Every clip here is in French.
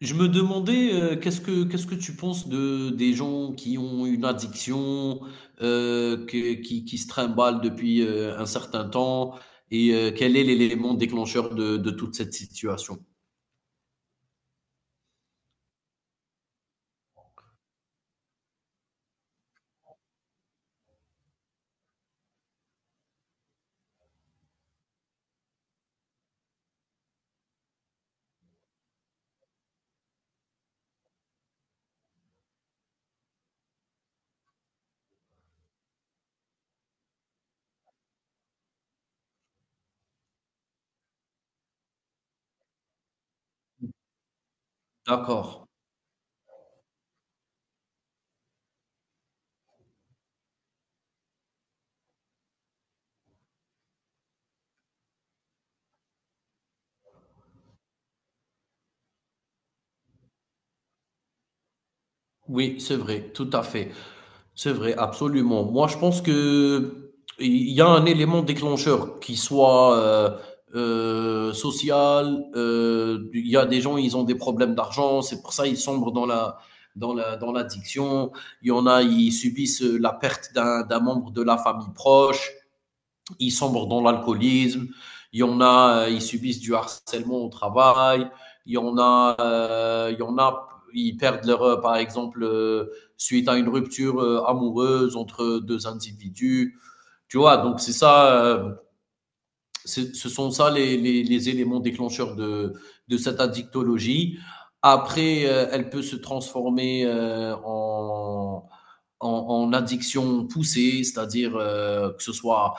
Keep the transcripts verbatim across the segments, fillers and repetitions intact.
Je me demandais, euh, qu'est-ce que qu'est-ce que tu penses de des gens qui ont une addiction, euh, que- qui qui se trimballent depuis euh, un certain temps, et euh, quel est l'élément déclencheur de de toute cette situation? D'accord. Oui, c'est vrai, tout à fait. C'est vrai, absolument. Moi, je pense que il y a un élément déclencheur qui soit euh, euh, social. euh, Il y a des gens, ils ont des problèmes d'argent, c'est pour ça ils sombrent dans la dans la dans l'addiction. Il y en a, ils subissent la perte d'un d'un membre de la famille proche, ils sombrent dans l'alcoolisme, il y en a, euh, ils subissent du harcèlement au travail, il y en a, euh, il y en a, ils perdent leur, euh, par exemple, euh, suite à une rupture euh, amoureuse entre deux individus. Tu vois, donc c'est ça, euh, c'est- ce sont ça les, les- les éléments déclencheurs de, de cette addictologie. Après, euh, elle peut se transformer euh, en, en, en addiction poussée, c'est-à-dire euh, que ce soit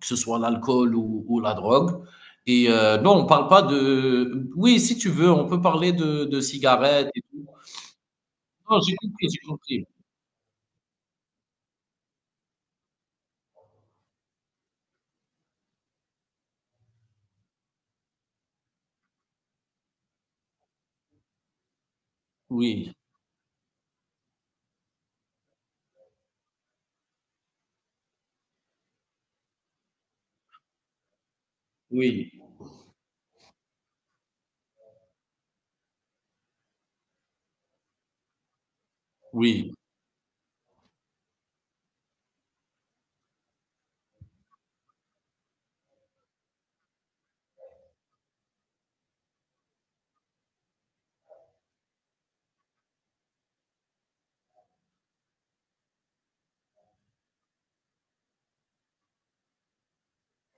que ce soit l'alcool ou, ou la drogue. Et euh, non, on parle pas de. Oui, si tu veux, on peut parler de, de cigarettes et tout. Non, j'ai compris, j'ai compris. Oui, oui, oui,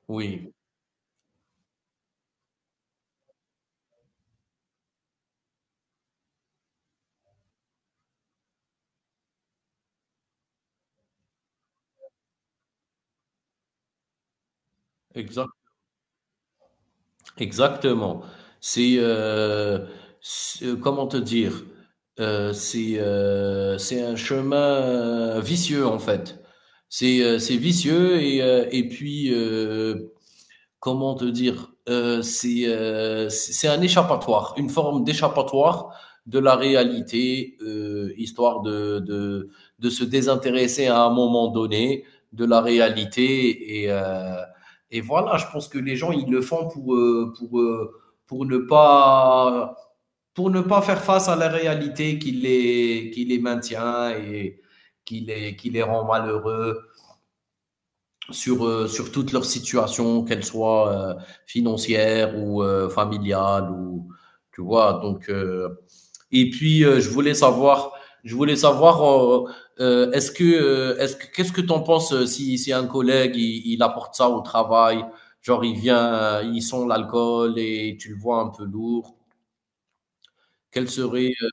oui, exact, exactement. C'est, euh, c'est- euh, comment te dire, Euh, c'est, euh, c'est un chemin euh, vicieux en fait. C'est, euh, c'est vicieux et, euh, et puis euh, comment te dire, euh, c'est euh, c'est un échappatoire, une forme d'échappatoire de la réalité, euh, histoire de, de, de se désintéresser à un moment donné de la réalité. Et, euh, et voilà, je pense que les gens, ils le font pour, euh, pour, euh, pour, ne, pas, pour ne pas faire face à la réalité qui les, qui les maintient et qui les, qui les rend malheureux sur, euh, sur toute leur situation, qu'elle soit euh, financière ou euh, familiale ou tu vois. Donc euh, et puis euh, je voulais savoir, je voulais savoir, euh, euh, est-ce que, euh, est-ce que, qu'est-ce que t'en penses euh, si, si un collègue il, il apporte ça au travail, genre il vient, euh, il sent l'alcool et tu le vois un peu lourd. Quel serait, euh,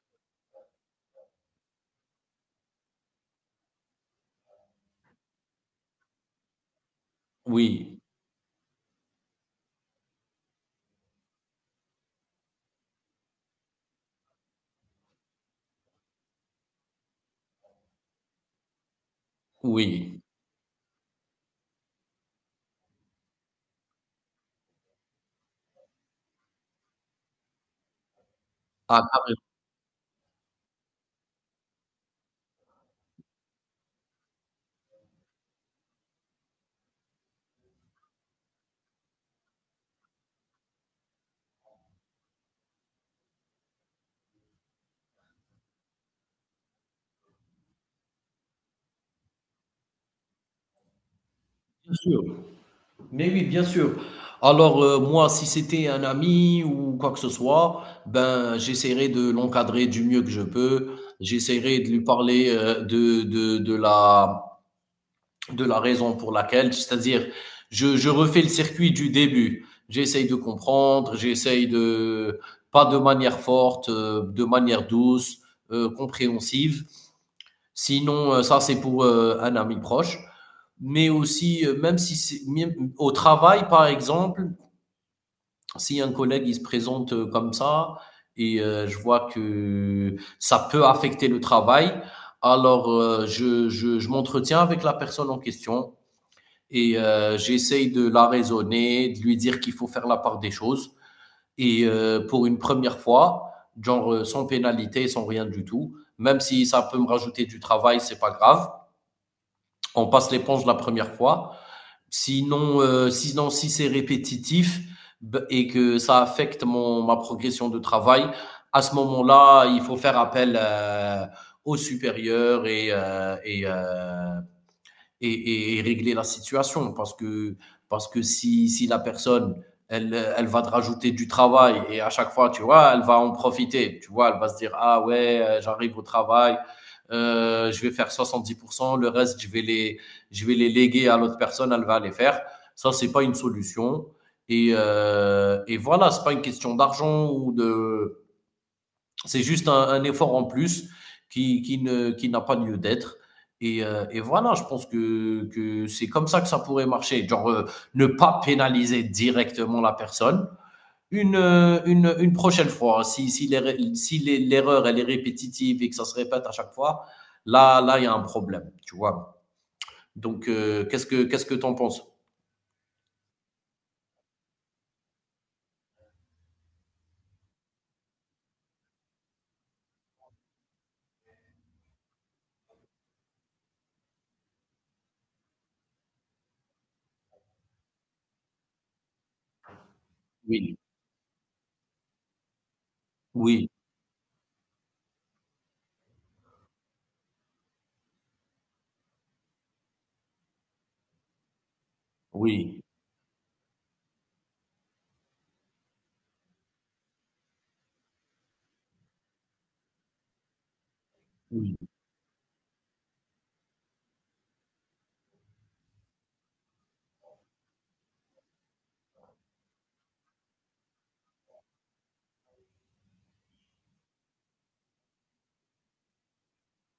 oui, oui, ah, ah, bien sûr. Mais oui, bien sûr. Alors, euh, moi, si c'était un ami ou quoi que ce soit, ben, j'essaierai de l'encadrer du mieux que je peux. J'essaierai de lui parler euh, de, de, de la, de la raison pour laquelle, c'est-à-dire, je, je refais le circuit du début. J'essaye de comprendre, j'essaye de, pas de manière forte, euh, de manière douce, euh, compréhensive. Sinon, euh, ça, c'est pour euh, un ami proche. Mais aussi, euh, même si c'est, même au travail, par exemple, si un collègue il se présente euh, comme ça et euh, je vois que ça peut affecter le travail, alors euh, je, je, je m'entretiens avec la personne en question et euh, j'essaye de la raisonner, de lui dire qu'il faut faire la part des choses. Et euh, pour une première fois, genre euh, sans pénalité, sans rien du tout, même si ça peut me rajouter du travail, c'est pas grave. On passe l'éponge la première fois. Sinon, euh, sinon si c'est répétitif et que ça affecte mon, ma progression de travail, à ce moment-là, il faut faire appel euh, au supérieur et, euh, et euh, et, et et régler la situation. Parce que, parce que si, si la personne, elle, elle va te rajouter du travail et à chaque fois, tu vois, elle va en profiter. Tu vois, elle va se dire, ah ouais, euh, j'arrive au travail, euh, je vais faire soixante dix pour cent le reste, je vais les, je vais les léguer à l'autre personne, elle va les faire. Ça, c'est pas une solution. Et, euh, et voilà, c'est pas une question d'argent ou de, c'est juste un, un effort en plus qui, qui ne, qui n'a pas lieu d'être. Et, euh, et voilà, je pense que, que c'est comme ça que ça pourrait marcher. Genre, euh, ne pas pénaliser directement la personne. Une, euh, une, une prochaine fois, hein, si, si l'erreur, si les- l'erreur, elle est répétitive et que ça se répète à chaque fois, là, là, il y a un problème, tu vois. Donc, euh, qu'est-ce que, qu'est-ce que t'en penses? Oui, oui, oui, oui,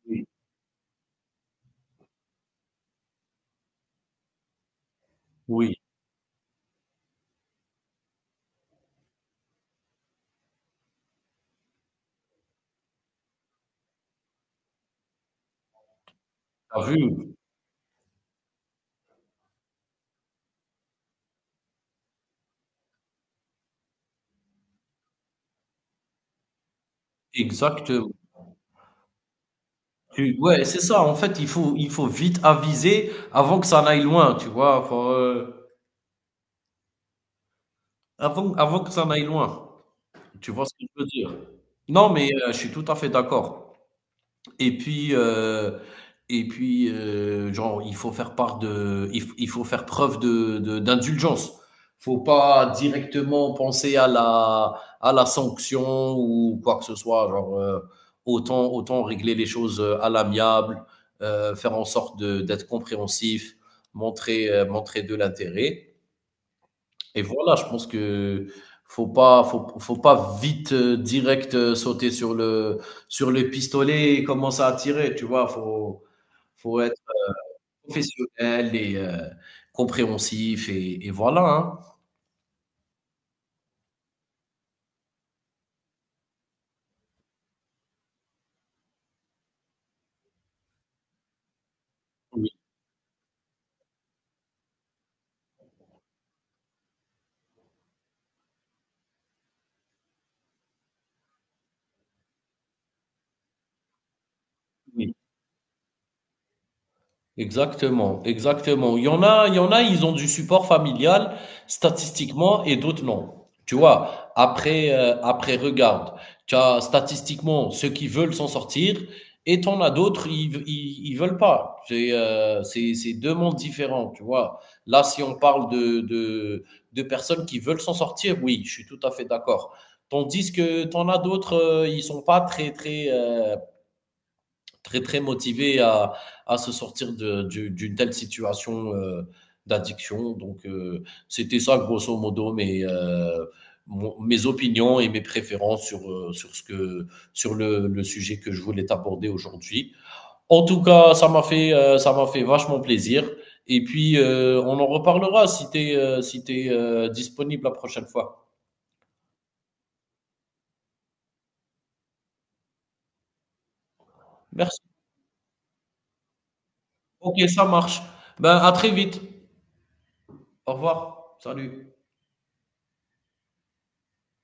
oui, oui. T'as vu? Exactement. Tu ouais, c'est ça, en fait, il faut il faut vite aviser avant que ça n'aille loin, tu vois? Faut, heu, avant avant que ça n'aille loin. Tu vois ce que je veux dire? Non, mais heu, je suis tout à fait d'accord. Et puis, heu et puis, heu, genre, il faut faire part de il f il faut faire preuve de de d'indulgence. Faut pas directement penser à la à la sanction ou quoi que ce soit, genre, heu, autant autant régler les choses, heu, à l'amiable, heu, faire en sorte de d'être compréhensif, montrer, heu, montrer de l'intérêt. Et voilà, je pense que faut pas, faut, faut pas vite euh, direct euh, sauter sur le sur le pistolet et commencer à tirer, tu vois. Faut faut être professionnel et euh, compréhensif et, et voilà. Hein. Oui. Exactement, exactement. Il y en a, il y en a, ils ont du support familial statistiquement et d'autres non. Tu vois, après, euh, après, regarde, tu as statistiquement ceux qui veulent s'en sortir et t'en as d'autres, ils, ils, ils veulent pas. C'est, euh, c'est, c'est deux mondes différents, tu vois. Là, si on parle de, de, de personnes qui veulent s'en sortir, oui, je suis tout à fait d'accord. Tandis que t'en as d'autres, euh, ils sont pas très, très, euh, très très motivé à, à se sortir de- du- d'une telle situation euh, d'addiction. Donc euh, c'était ça grosso modo mes, euh, mon- mes opinions et mes préférences sur, euh, sur, ce que, sur le, le sujet que je voulais aborder aujourd'hui. En tout cas, ça m'a fait, euh, ça m'a fait vachement plaisir. Et puis, euh, on en reparlera si tu es, si t'es, euh, disponible la prochaine fois. Merci. Ok, ça marche. Ben, à très vite. Au revoir. Salut.